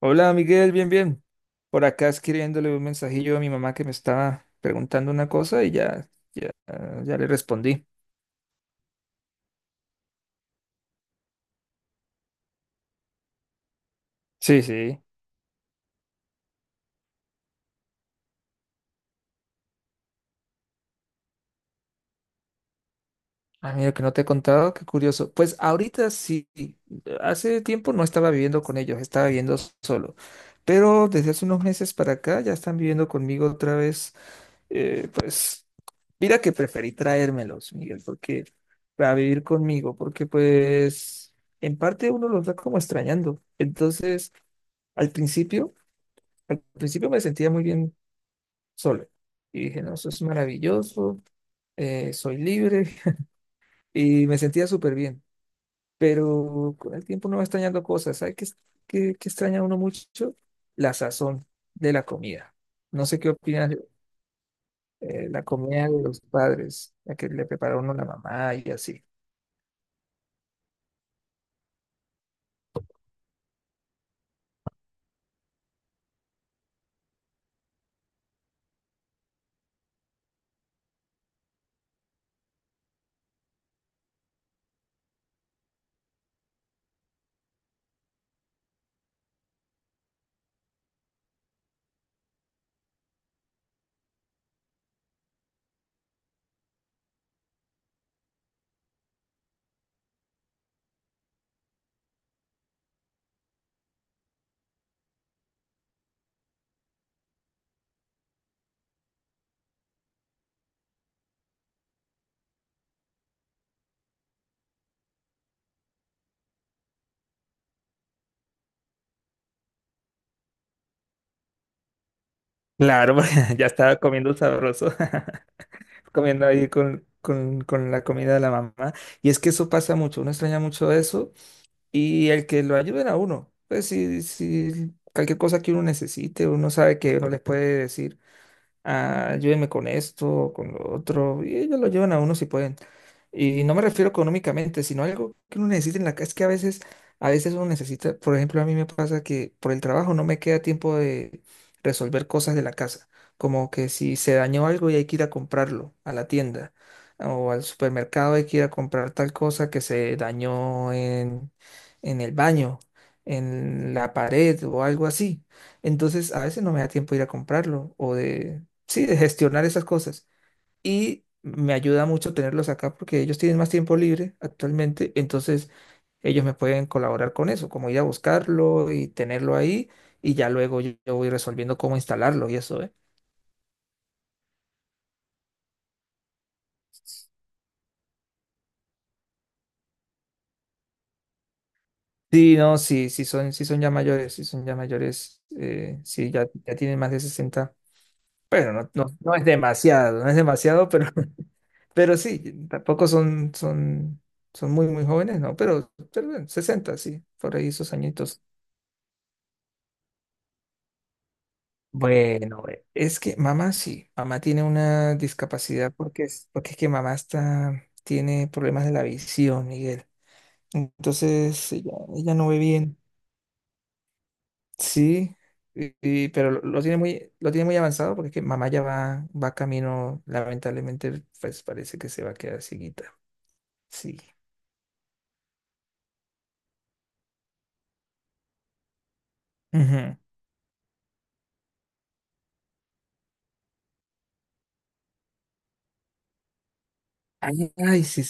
Hola Miguel, bien, bien. Por acá escribiéndole un mensajillo a mi mamá que me estaba preguntando una cosa y ya, ya, ya le respondí. Sí, sí. Ah, mira, que no te he contado, qué curioso. Pues ahorita sí, hace tiempo no estaba viviendo con ellos, estaba viviendo solo. Pero desde hace unos meses para acá ya están viviendo conmigo otra vez. Pues mira que preferí traérmelos, Miguel, porque para vivir conmigo, porque pues en parte uno los va como extrañando. Entonces. Al principio, Al principio me sentía muy bien solo. Y dije, no, eso es maravilloso, soy libre y me sentía súper bien. Pero con el tiempo uno va extrañando cosas. ¿Sabes qué extraña uno mucho? La sazón de la comida. No sé qué opinas, la comida de los padres, la que le prepara uno la mamá y así. Claro, porque ya estaba comiendo sabroso, comiendo ahí con la comida de la mamá. Y es que eso pasa mucho, uno extraña mucho eso y el que lo ayuden a uno. Pues si cualquier cosa que uno necesite, uno sabe que uno les puede decir ah, ayúdenme con esto, con lo otro, y ellos lo llevan a uno si pueden. Y no me refiero económicamente, sino algo que uno necesita en la casa. Es que a veces uno necesita, por ejemplo, a mí me pasa que por el trabajo no me queda tiempo de resolver cosas de la casa. Como que si se dañó algo y hay que ir a comprarlo a la tienda o al supermercado, hay que ir a comprar tal cosa que se dañó en el baño, en la pared o algo así. Entonces, a veces no me da tiempo de ir a comprarlo o de sí, de gestionar esas cosas. Y me ayuda mucho tenerlos acá porque ellos tienen más tiempo libre actualmente, entonces ellos me pueden colaborar con eso, como ir a buscarlo y tenerlo ahí y ya luego yo voy resolviendo cómo instalarlo y eso, ¿eh? Sí, no, sí, sí son ya mayores, sí son ya mayores, sí, ya tienen más de 60. Bueno, no, no, no es demasiado, no es demasiado, pero, pero sí, tampoco son muy, muy jóvenes, ¿no? Pero bueno, 60, sí, por ahí esos añitos. Bueno, es que mamá sí, mamá tiene una discapacidad porque es que tiene problemas de la visión, Miguel. Entonces ella no ve bien. Sí, pero lo tiene muy avanzado porque es que mamá ya va camino, lamentablemente, pues parece que se va a quedar cieguita. Sí. Ujú. Ay, ay, sí,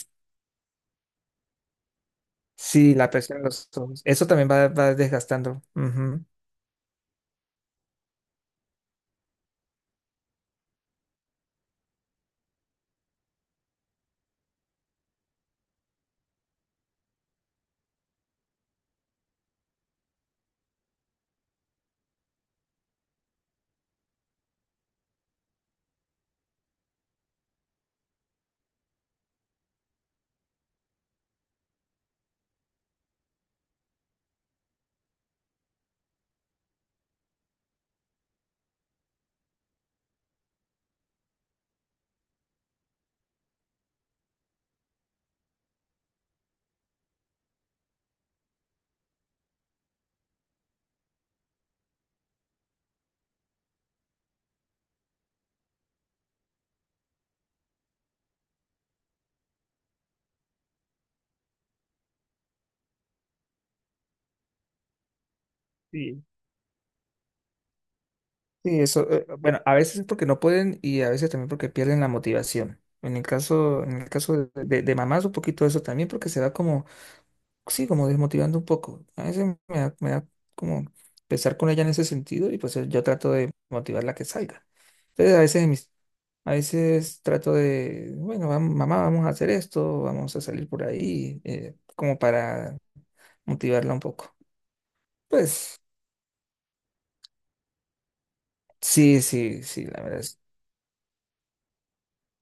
sí, la presión en los ojos. Eso también va desgastando. Ujú. Sí. Sí, eso, bueno, a veces es porque no pueden y a veces también porque pierden la motivación. En el caso de mamás, un poquito eso también, porque se va como, sí, como desmotivando un poco. A veces me da como pesar con ella en ese sentido y pues yo trato de motivarla a que salga. Entonces a veces trato de, bueno, mamá, vamos a hacer esto, vamos a salir por ahí, como para motivarla un poco. Pues sí, sí, sí, la verdad.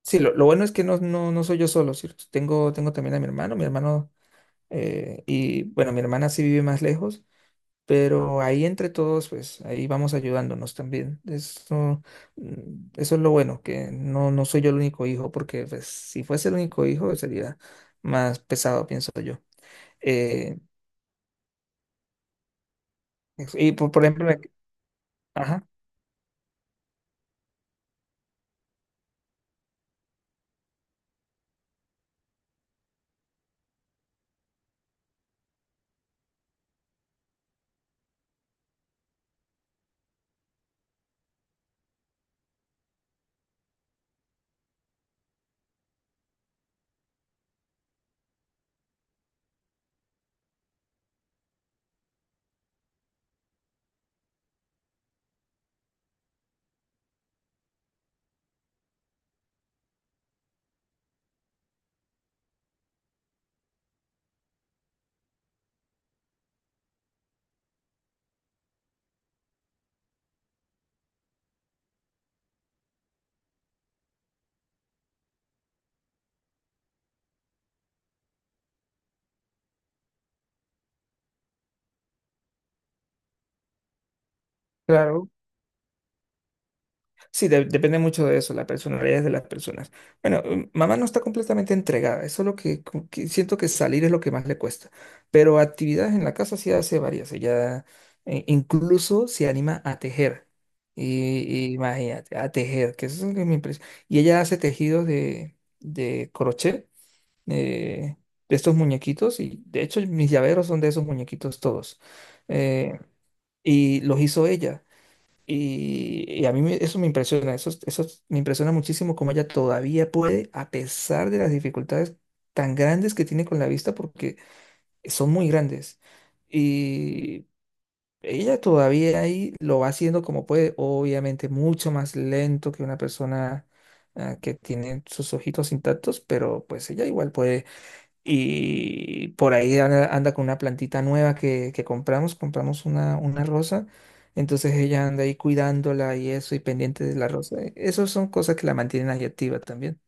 Sí, lo bueno es que no, no, no soy yo solo, sí, tengo también a mi hermano, y bueno, mi hermana sí vive más lejos, pero ahí entre todos, pues ahí vamos ayudándonos también. Eso, mm, eso es lo bueno, que no, no soy yo el único hijo, porque pues, si fuese el único hijo sería más pesado, pienso yo. Eh, y por ejemplo, ajá, claro. Sí, depende mucho de eso, las personalidades de las personas. Bueno, mamá no está completamente entregada, eso es lo que, como que siento que salir es lo que más le cuesta, pero actividades en la casa sí hace varias, ella incluso se anima a tejer, y, y imagínate, a tejer, que eso es lo que me impresiona. Y ella hace tejidos de crochet, eh, de estos muñequitos, y de hecho mis llaveros son de esos muñequitos todos, eh, y los hizo ella. Y a mí eso me impresiona, eso me impresiona muchísimo cómo ella todavía puede, a pesar de las dificultades tan grandes que tiene con la vista, porque son muy grandes. Y ella todavía ahí lo va haciendo como puede, obviamente mucho más lento que una persona ah, que tiene sus ojitos intactos, pero pues ella igual puede. Y por ahí anda con una plantita nueva que compramos una rosa. Entonces ella anda ahí cuidándola y eso, y pendiente de la rosa. Esas son cosas que la mantienen ahí activa también.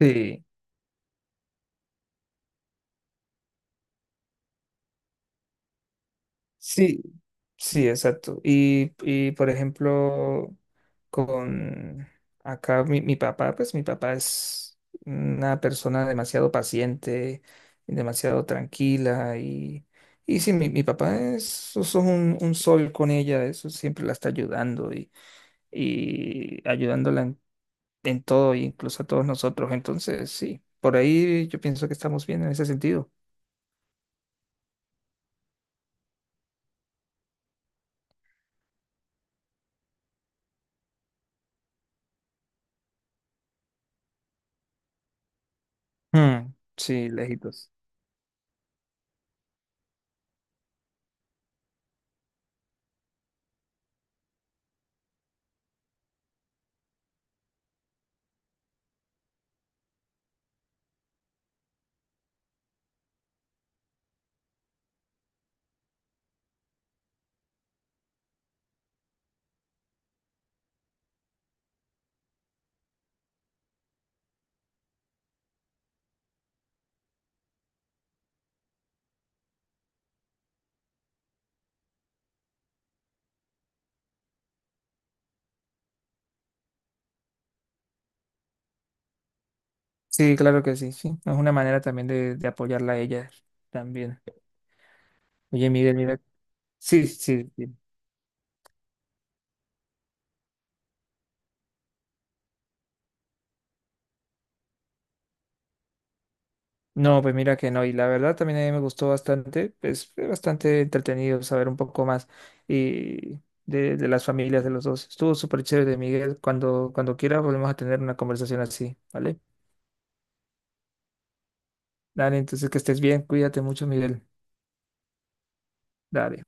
Sí, sí, sí, exacto. Y por ejemplo, con acá mi papá, pues mi papá es una persona demasiado paciente, demasiado tranquila y sí, mi papá es un sol con ella, eso siempre la está ayudando y ayudándola en todo, e incluso a todos nosotros. Entonces, sí, por ahí yo pienso que estamos bien en ese sentido. Mm, sí, lejitos. Sí, claro que sí, sí. Es una manera también de apoyarla a ella también. Oye, Miguel, mira. Sí, sí, sí. No, pues mira que no, y la verdad también a mí me gustó bastante, es bastante entretenido saber un poco más y de las familias de los dos. Estuvo súper chévere, Miguel, cuando quiera volvemos a tener una conversación así, ¿vale? Dale, entonces que estés bien, cuídate mucho, Miguel. Dale.